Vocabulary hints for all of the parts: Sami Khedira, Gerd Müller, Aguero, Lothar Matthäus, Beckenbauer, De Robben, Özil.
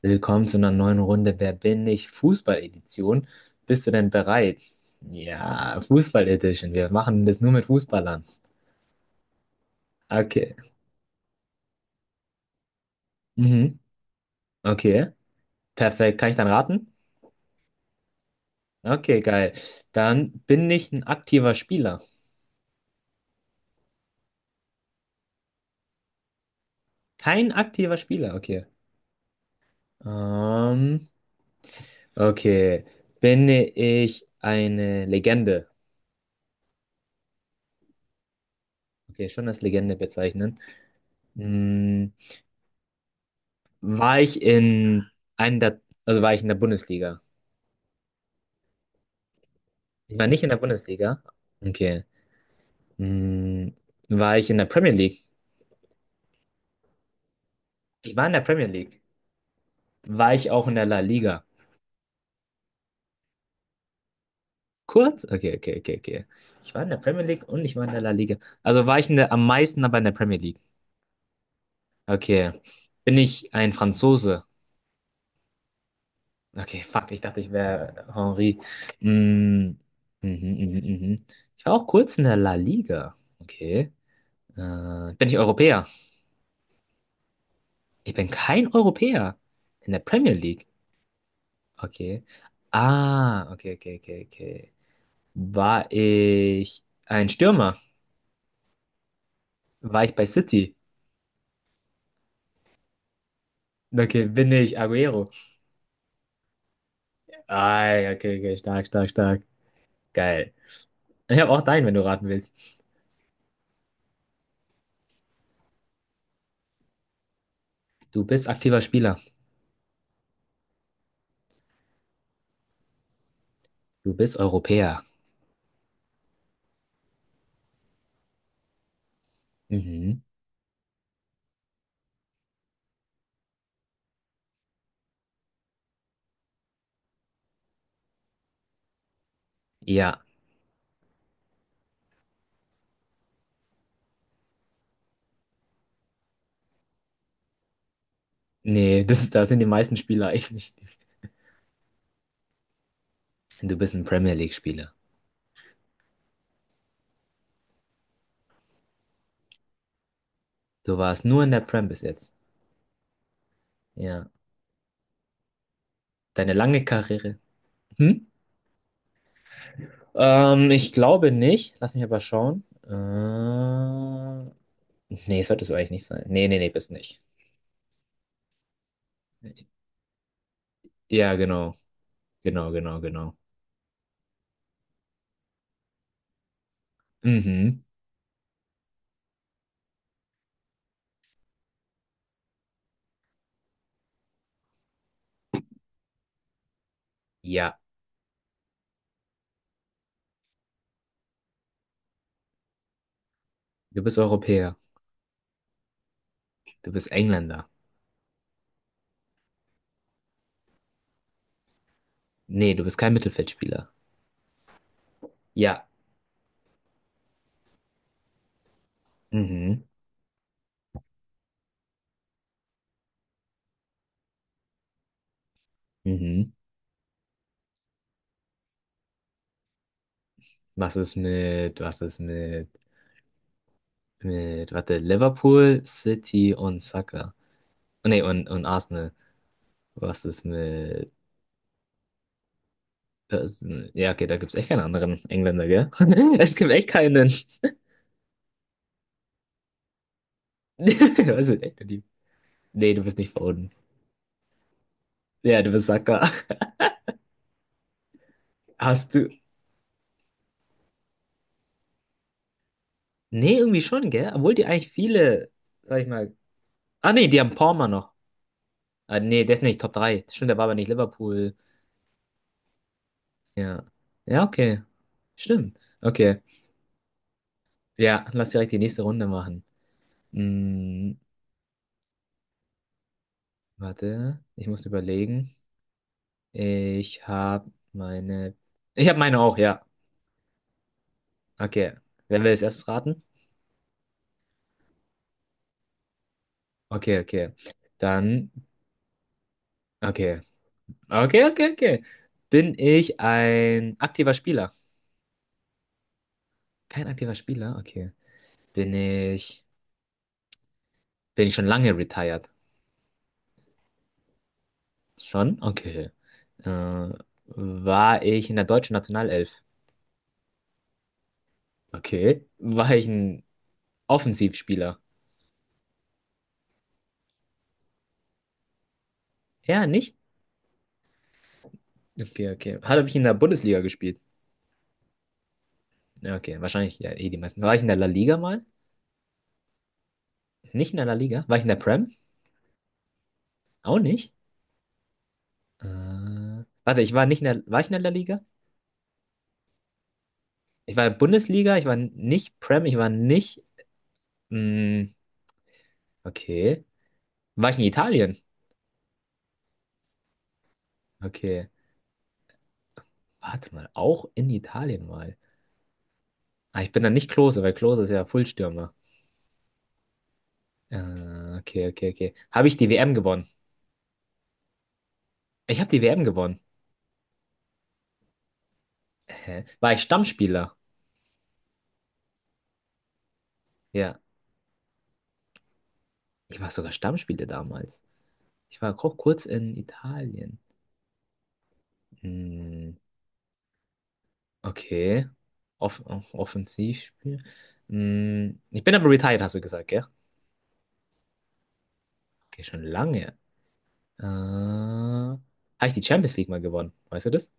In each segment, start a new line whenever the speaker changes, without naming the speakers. Willkommen zu einer neuen Runde Wer bin ich? Fußball-Edition. Bist du denn bereit? Ja, Fußball-Edition. Wir machen das nur mit Fußballern. Okay. Mhm. Okay. Perfekt. Kann ich dann raten? Okay, geil. Dann bin ich ein aktiver Spieler. Kein aktiver Spieler. Okay. Ähm, okay. Bin ich eine Legende? Okay, schon als Legende bezeichnen. Hm, war ich in einem der, also war ich in der Bundesliga? Ich war nicht in der Bundesliga. Okay. Hm, war ich in der Premier League? Ich war in der Premier League. War ich auch in der La Liga? Kurz? Okay, okay, okay, okay. Ich war in der Premier League und ich war in der La Liga. Also war ich in der, Am meisten aber in der Premier League. Okay. Bin ich ein Franzose? Okay, fuck, ich dachte, ich wäre Henri. Hm, Mhm, mhm, mhm. mhm. Ich war auch kurz in der La Liga. Okay. Bin ich Europäer? Ich bin kein Europäer in der Premier League. Okay. Ah, okay, okay, okay, okay. War ich ein Stürmer? War ich bei City? Okay, bin ich Aguero. Ah, ja, okay, okay, stark, stark, stark. Geil. Ich habe auch deinen, wenn du raten willst. Du bist aktiver Spieler. Du bist Europäer. Mhm. Ja. Nee, das, da sind die meisten Spieler eigentlich. Du bist ein Premier League-Spieler. Du warst nur in der Prem bis jetzt. Ja. Deine lange Karriere. Hm? Ich glaube nicht. Lass mich aber schauen. Nee, sollte so eigentlich nicht sein. Nee, nee, nee, bist nicht. Ja, genau. Genau, genau, genau. Mhm. Ja. Du bist Europäer. Du bist Engländer. Nee, du bist kein Mittelfeldspieler. Ja. Mhm. Mhm. Was ist mit, warte, Liverpool, City und Saka. Nee, und Arsenal. Was ist mit, das, ja, okay, da gibt's echt keinen anderen Engländer, gell? Es gibt echt keinen. Also, nee, nee, du bist nicht verunten. Ja, du bist Sacker. Hast du. Nee, irgendwie schon, gell? Obwohl die eigentlich viele, sag ich mal. Ah, nee, die haben Palmer noch. Ah, nee, der ist nicht Top 3. Stimmt, der war aber nicht Liverpool. Ja. Ja, okay. Stimmt. Okay. Ja, lass direkt die nächste Runde machen. Hm, warte. Ich muss überlegen. Ich habe meine. Ich habe meine auch, ja. Okay. Wer will es erst raten? Okay, okay. Dann. Okay. Okay, okay, okay. Bin ich ein aktiver Spieler? Kein aktiver Spieler? Okay. Bin ich, bin ich schon lange retired? Schon? Okay. Äh, war ich in der deutschen Nationalelf? Okay. War ich ein Offensivspieler? Ja, nicht? Okay, okay. Habe ich in der Bundesliga gespielt? Ja, okay, wahrscheinlich ja, eh die meisten. War ich in der La Liga mal? Nicht in der La Liga? War ich in der Prem? Auch nicht. Äh, warte, ich war nicht in der, war ich in der La Liga? Ich war in der Bundesliga, ich war nicht Prem, ich war nicht Mm, okay. War ich in Italien? Okay. Warte mal, auch in Italien mal. Ah, ich bin dann nicht Klose, weil Klose ist ja Fullstürmer. Äh, okay, okay, okay. Habe ich die WM gewonnen? Ich habe die WM gewonnen. Hä? War ich Stammspieler? Ja. Ich war sogar Stammspieler damals. Kurz in Italien. Mm, okay. Offensivspiel. Mm, ich bin aber retired, hast du gesagt, gell? Okay, schon lange. Habe ich die Champions League mal gewonnen? Weißt du das?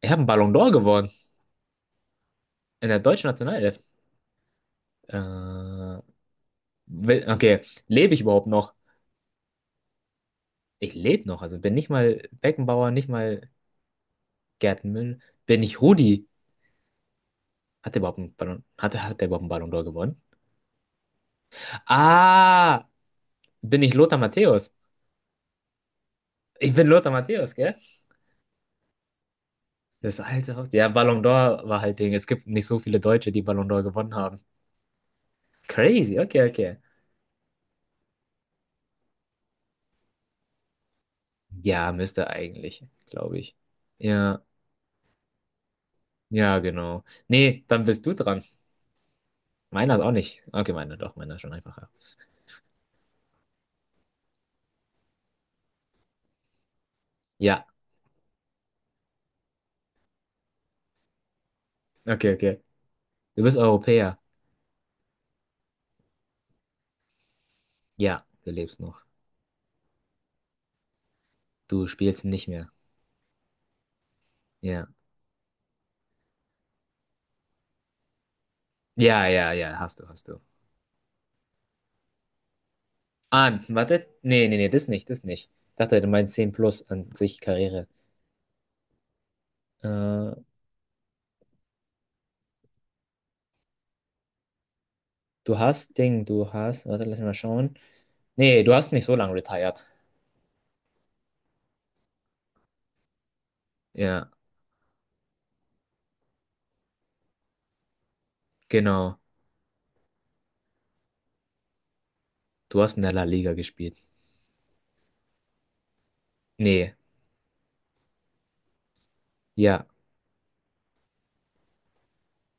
Ich habe einen Ballon d'Or gewonnen in der deutschen Nationalelf. Äh, okay, lebe ich überhaupt noch? Ich lebe noch, also bin nicht mal Beckenbauer, nicht mal Gerd Müller, bin ich Rudi. Hat der überhaupt einen Ballon d'Or gewonnen? Ah, bin ich Lothar Matthäus? Ich bin Lothar Matthäus, gell? Das alte Haus. Ja, Ballon d'Or war halt Ding. Es gibt nicht so viele Deutsche, die Ballon d'Or gewonnen haben. Crazy, okay, okay. Ja, müsste eigentlich, glaube ich. Ja, ja, genau. Nee, dann bist du dran. Meiner ist auch nicht. Okay, meiner doch, meiner ist schon einfacher. Ja, okay, okay. Du bist Europäer. Ja, du lebst noch. Du spielst nicht mehr. Ja. Ja, ja, ja, hast du, hast du. Ah, warte. Nee, nee, nee, das nicht, das nicht. Ich dachte, du meinst 10 plus an sich Karriere. Äh, du hast Ding, du hast. Warte, lass mich mal schauen. Nee, du hast nicht so lange retired. Ja, genau. Du hast in der La Liga gespielt. Nee. Ja,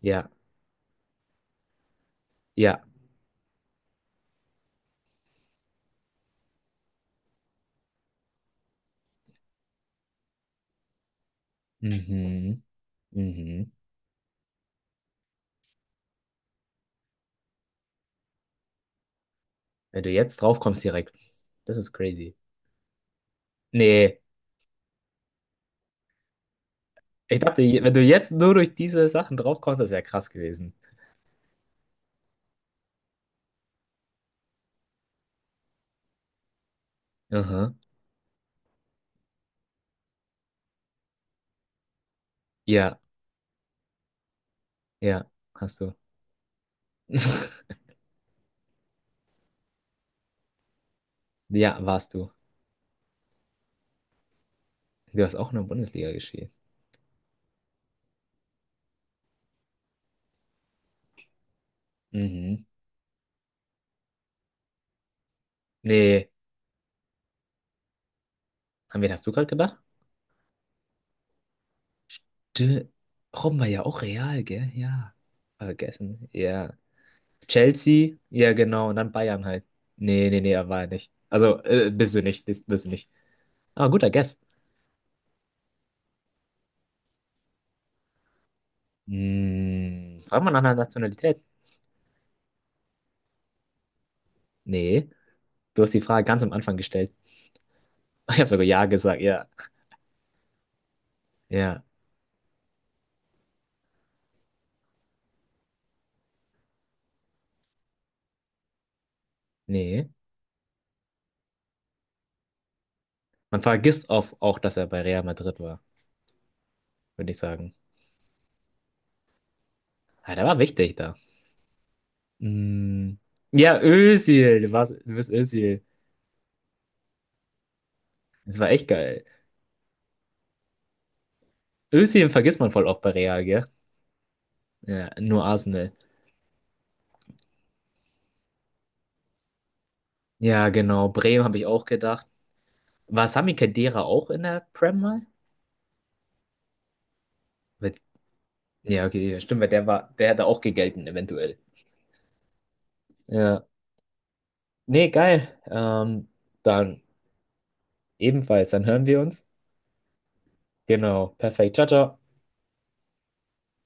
ja, ja. Mhm, mhm. Wenn du jetzt drauf kommst direkt. Das ist crazy. Nee, ich dachte, wenn du jetzt nur durch diese Sachen draufkommst, das wäre krass gewesen. Aha. Ja, ja, hast du. Ja, warst du. Du hast auch in der Bundesliga gespielt. Mhm. Nee, an wen hast du gerade gedacht? De Robben war ja auch Real, gell? Ja. Hab vergessen. Ja. Chelsea? Ja, genau. Und dann Bayern halt. Nee, nee, nee, er war ja nicht. Also, bist du nicht. Bist du nicht. Aber guter Guess. Hm, fragt man nach einer Nationalität? Nee. Du hast die Frage ganz am Anfang gestellt. Ich habe sogar ja gesagt, ja. Ja, nee. Auch, dass er bei Real Madrid war, würde ich sagen. Ah, der war wichtig da. Mm. Ja, Özil, du bist Özil. Das war echt geil. Özil vergisst man voll oft bei Real, gell? Ja, nur Arsenal. Ja, genau. Bremen habe ich auch gedacht. War Sami Khedira auch in der Prem mal? Mit- Ja, okay, ja, stimmt, der hätte auch gegelten, eventuell. Ja. Nee, geil. Dann ebenfalls, dann hören wir uns. Genau, perfekt. Ciao, ciao.